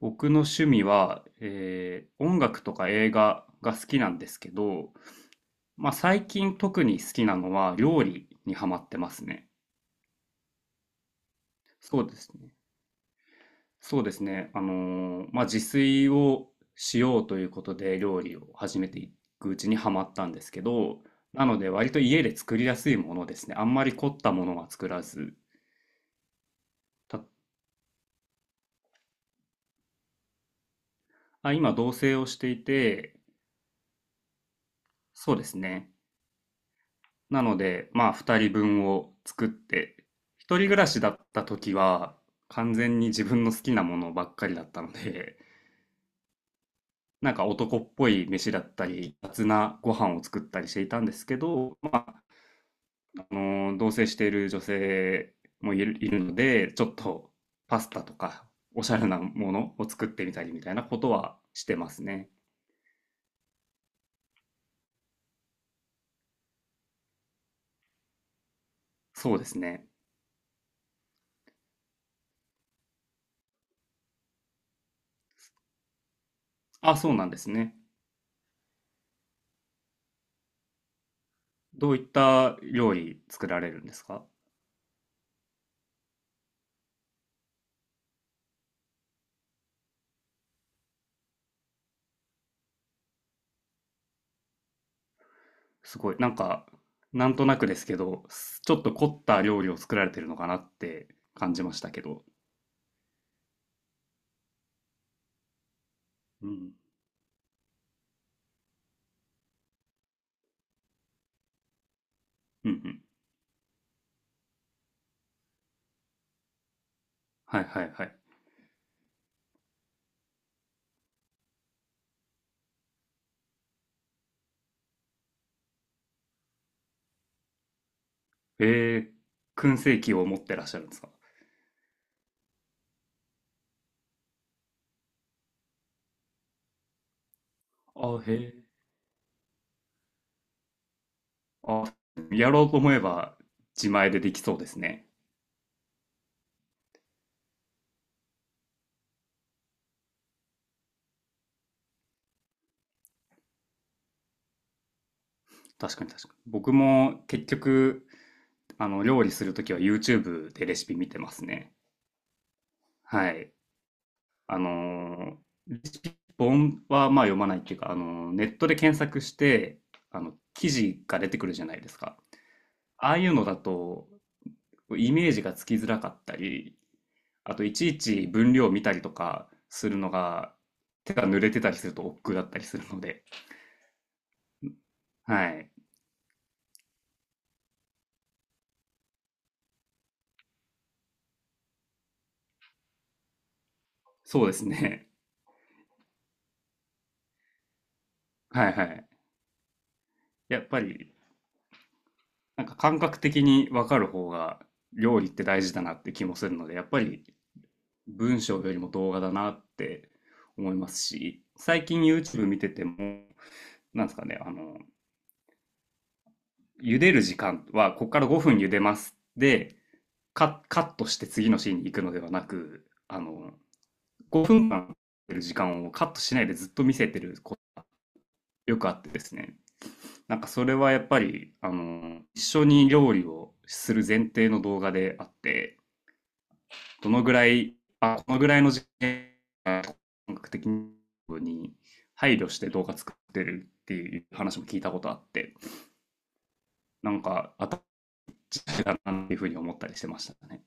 僕の趣味は、音楽とか映画が好きなんですけど、まあ、最近特に好きなのは料理にハマってますね。そうですね。そうですね。まあ、自炊をしようということで料理を始めていくうちにハマったんですけど、なので割と家で作りやすいものですね。あんまり凝ったものは作らず。た今同棲をしていて、そうですね。なので、まあ、2人分を作って、一人暮らしだった時は、完全に自分の好きなものばっかりだったので、なんか男っぽい飯だったり、雑なご飯を作ったりしていたんですけど、まあ、同棲している女性もいるので、ちょっとパスタとか、おしゃれなものを作ってみたりみたいなことはしてますね。そうですね。あ、そうなんですね。どういった料理作られるんですか？すごい。なんか、なんとなくですけど、ちょっと凝った料理を作られてるのかなって感じましたけど。うん。うんうん。はいはいはい。えー、燻製器を持ってらっしゃるんですか？あ、へえ。あ、やろうと思えば自前でできそうですね。確かに確かに。僕も結局、あの、料理するときは YouTube でレシピ見てますね。はい。あのレシピ本はまあ読まないっていうか、あのネットで検索して、あの記事が出てくるじゃないですか。ああいうのだとイメージがつきづらかったり、あといちいち分量を見たりとかするのが手が濡れてたりすると億劫だったりするので、はい、そうですね。はいはい。やっぱりなんか感覚的に分かる方が料理って大事だなって気もするので、やっぱり文章よりも動画だなって思いますし、最近 YouTube 見てても、なんですかね、あの、茹でる時間は、ここから5分茹でますで、カットして次のシーンに行くのではなく、あの、5分間茹でる時間をカットしないでずっと見せてることよくあってですね、なんかそれはやっぱり、あの、一緒に料理をする前提の動画であって、どのぐらい、あ、このぐらいの時間本格的に配慮して動画作ってるっていう話も聞いたことあって、なんかあったかなっていうふうに思ったりしてましたね。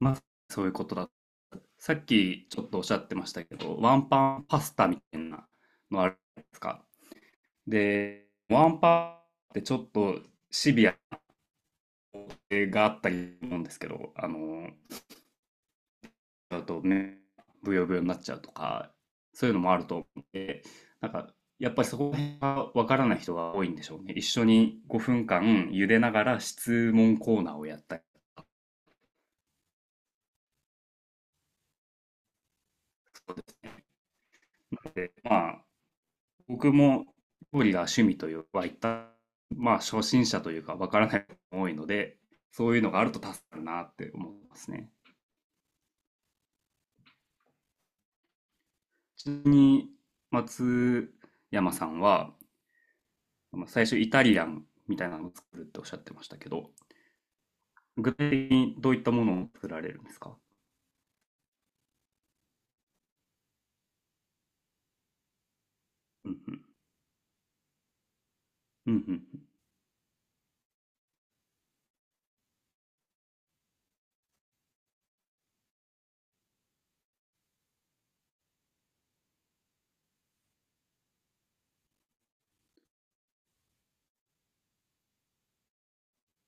まあ、そういうことだ。さっきちょっとおっしゃってましたけど、ワンパンパスタみたいなのあるじゃないですか。で、ワンパンってちょっとシビアがあったりすると思うんですけど、あの、ゃうと、ね、ブヨブヨになっちゃうとか、そういうのもあると思って、なんか、やっぱりそこら辺がわからない人が多いんでしょうね。一緒に5分間茹でながら質問コーナーをやったりとかですね。で、まあ、僕も料理が趣味というはまあ、初心者というかわからない人が多いので、そういうのがあると助かるなって思いますね。ちなみに、松山さんは、最初イタリアンみたいなのを作るっておっしゃってましたけど、具体的にどういったものを作られるんですか？うんうん。うんうん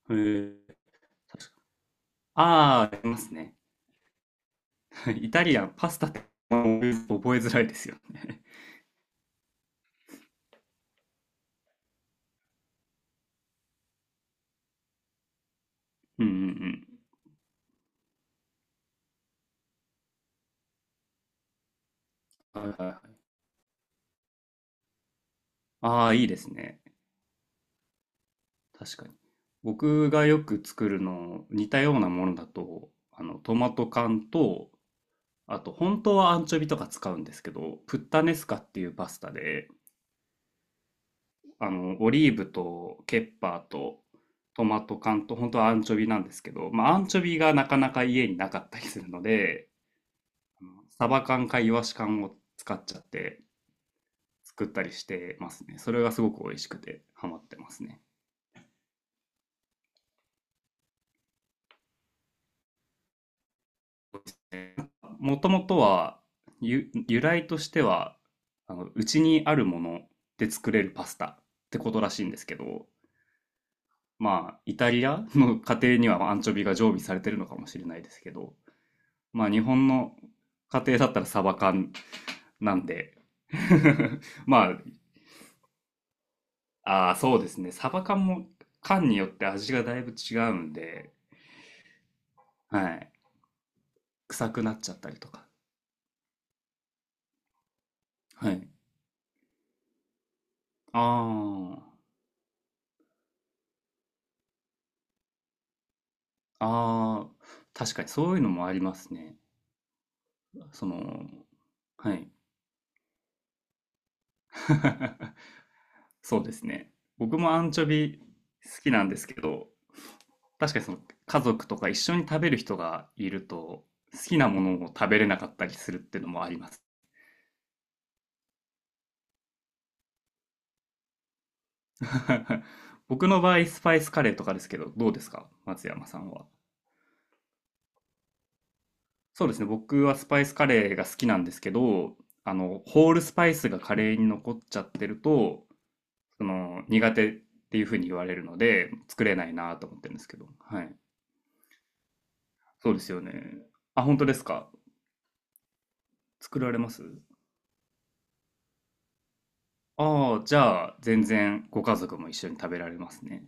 うん。へえ、確か。ああー、ありますね。イタリアン、パスタって覚えづらいですよね。うんうんうん。はいはいはい。ああ、いいですね。確かに。僕がよく作るの、似たようなものだと、あの、トマト缶と、あと、本当はアンチョビとか使うんですけど、プッタネスカっていうパスタで、あの、オリーブとケッパーとトマト缶と本当はアンチョビなんですけど、まあ、アンチョビがなかなか家になかったりするので、あのサバ缶かイワシ缶を使っちゃって作ったりしてますね。それがすごく美味しくてハマってますね。もともとは由来としては、あの、うちにあるもので作れるパスタってことらしいんですけど、まあ、イタリアの家庭にはアンチョビが常備されてるのかもしれないですけど、まあ日本の家庭だったらサバ缶なんで。 まあ、ああ、そうですね。サバ缶も缶によって味がだいぶ違うんで、はい。臭くなっちゃったりとか。はい。ああ、ああ、確かにそういうのもありますね。その、はい。そうですね。僕もアンチョビ好きなんですけど、確かにその家族とか一緒に食べる人がいると、好きなものを食べれなかったりするっていうのもあります。僕の場合、スパイスカレーとかですけど、どうですか松山さんは。そうですね。僕はスパイスカレーが好きなんですけど、あの、ホールスパイスがカレーに残っちゃってると、その、苦手っていうふうに言われるので、作れないなと思ってるんですけど。はい。そうですよね。あ、本当ですか？作られます？ああ、じゃあ、全然ご家族も一緒に食べられますね。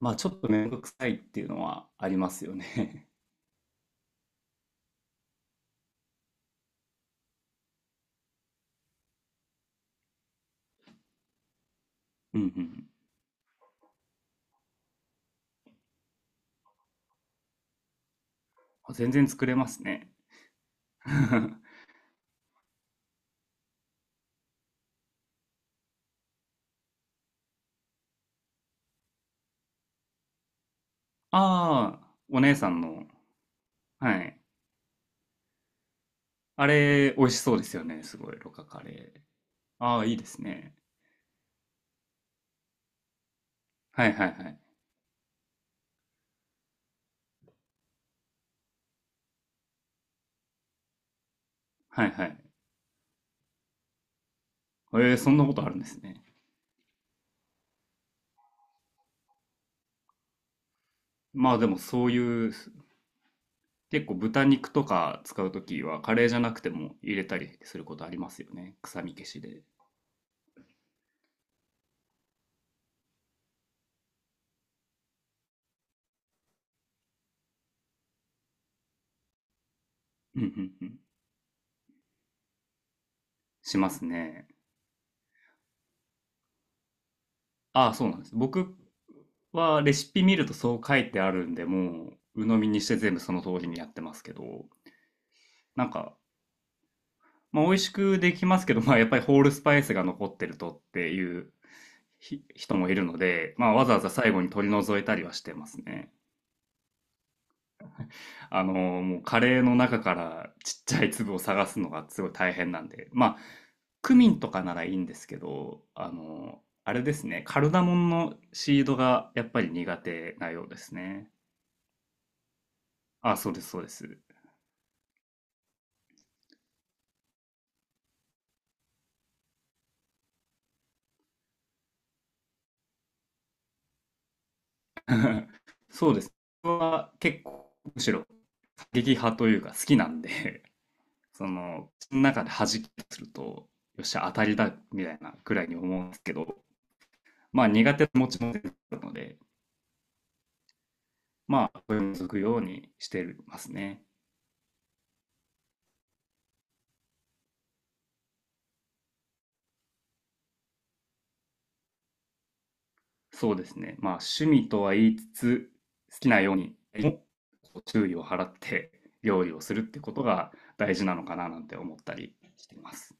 まあ、ちょっとめんどくさいっていうのはありますよね。うんうん。全然作れますね。ああ、お姉さんの。はい。あれ、美味しそうですよね。すごい、ろかカレー。ああ、いいですね。はいはいはい。はいはい。えー、そんなことあるんですね。まあでもそういう、結構豚肉とか使うときは、カレーじゃなくても入れたりすることありますよね。臭み消しで。うんうんうん。しますね。ああ、そうなんです。僕はレシピ見るとそう書いてあるんで、もう鵜呑みにして全部その通りにやってますけど、なんかまあ、美味しくできますけど、まあ、やっぱりホールスパイスが残ってるとっていう人もいるので、まあ、わざわざ最後に取り除いたりはしてますね。あの、もうカレーの中からちっちゃい粒を探すのがすごい大変なんで、まあ、クミンとかならいいんですけど、あの、あれですね、カルダモンのシードがやっぱり苦手なようですね。あ、そうです、そうです。そうです。僕は結構、むしろ過激派というか好きなんでその、の中で弾きすると、よっしゃ、当たりだ、みたいなくらいに思うんですけど、まあ苦手な持ちも出てくるので、まあ、これを続くようにしてますね。そうですね。まあ、趣味とは言いつつ、好きなようにも注意を払って料理をするってことが大事なのかななんて思ったりしています。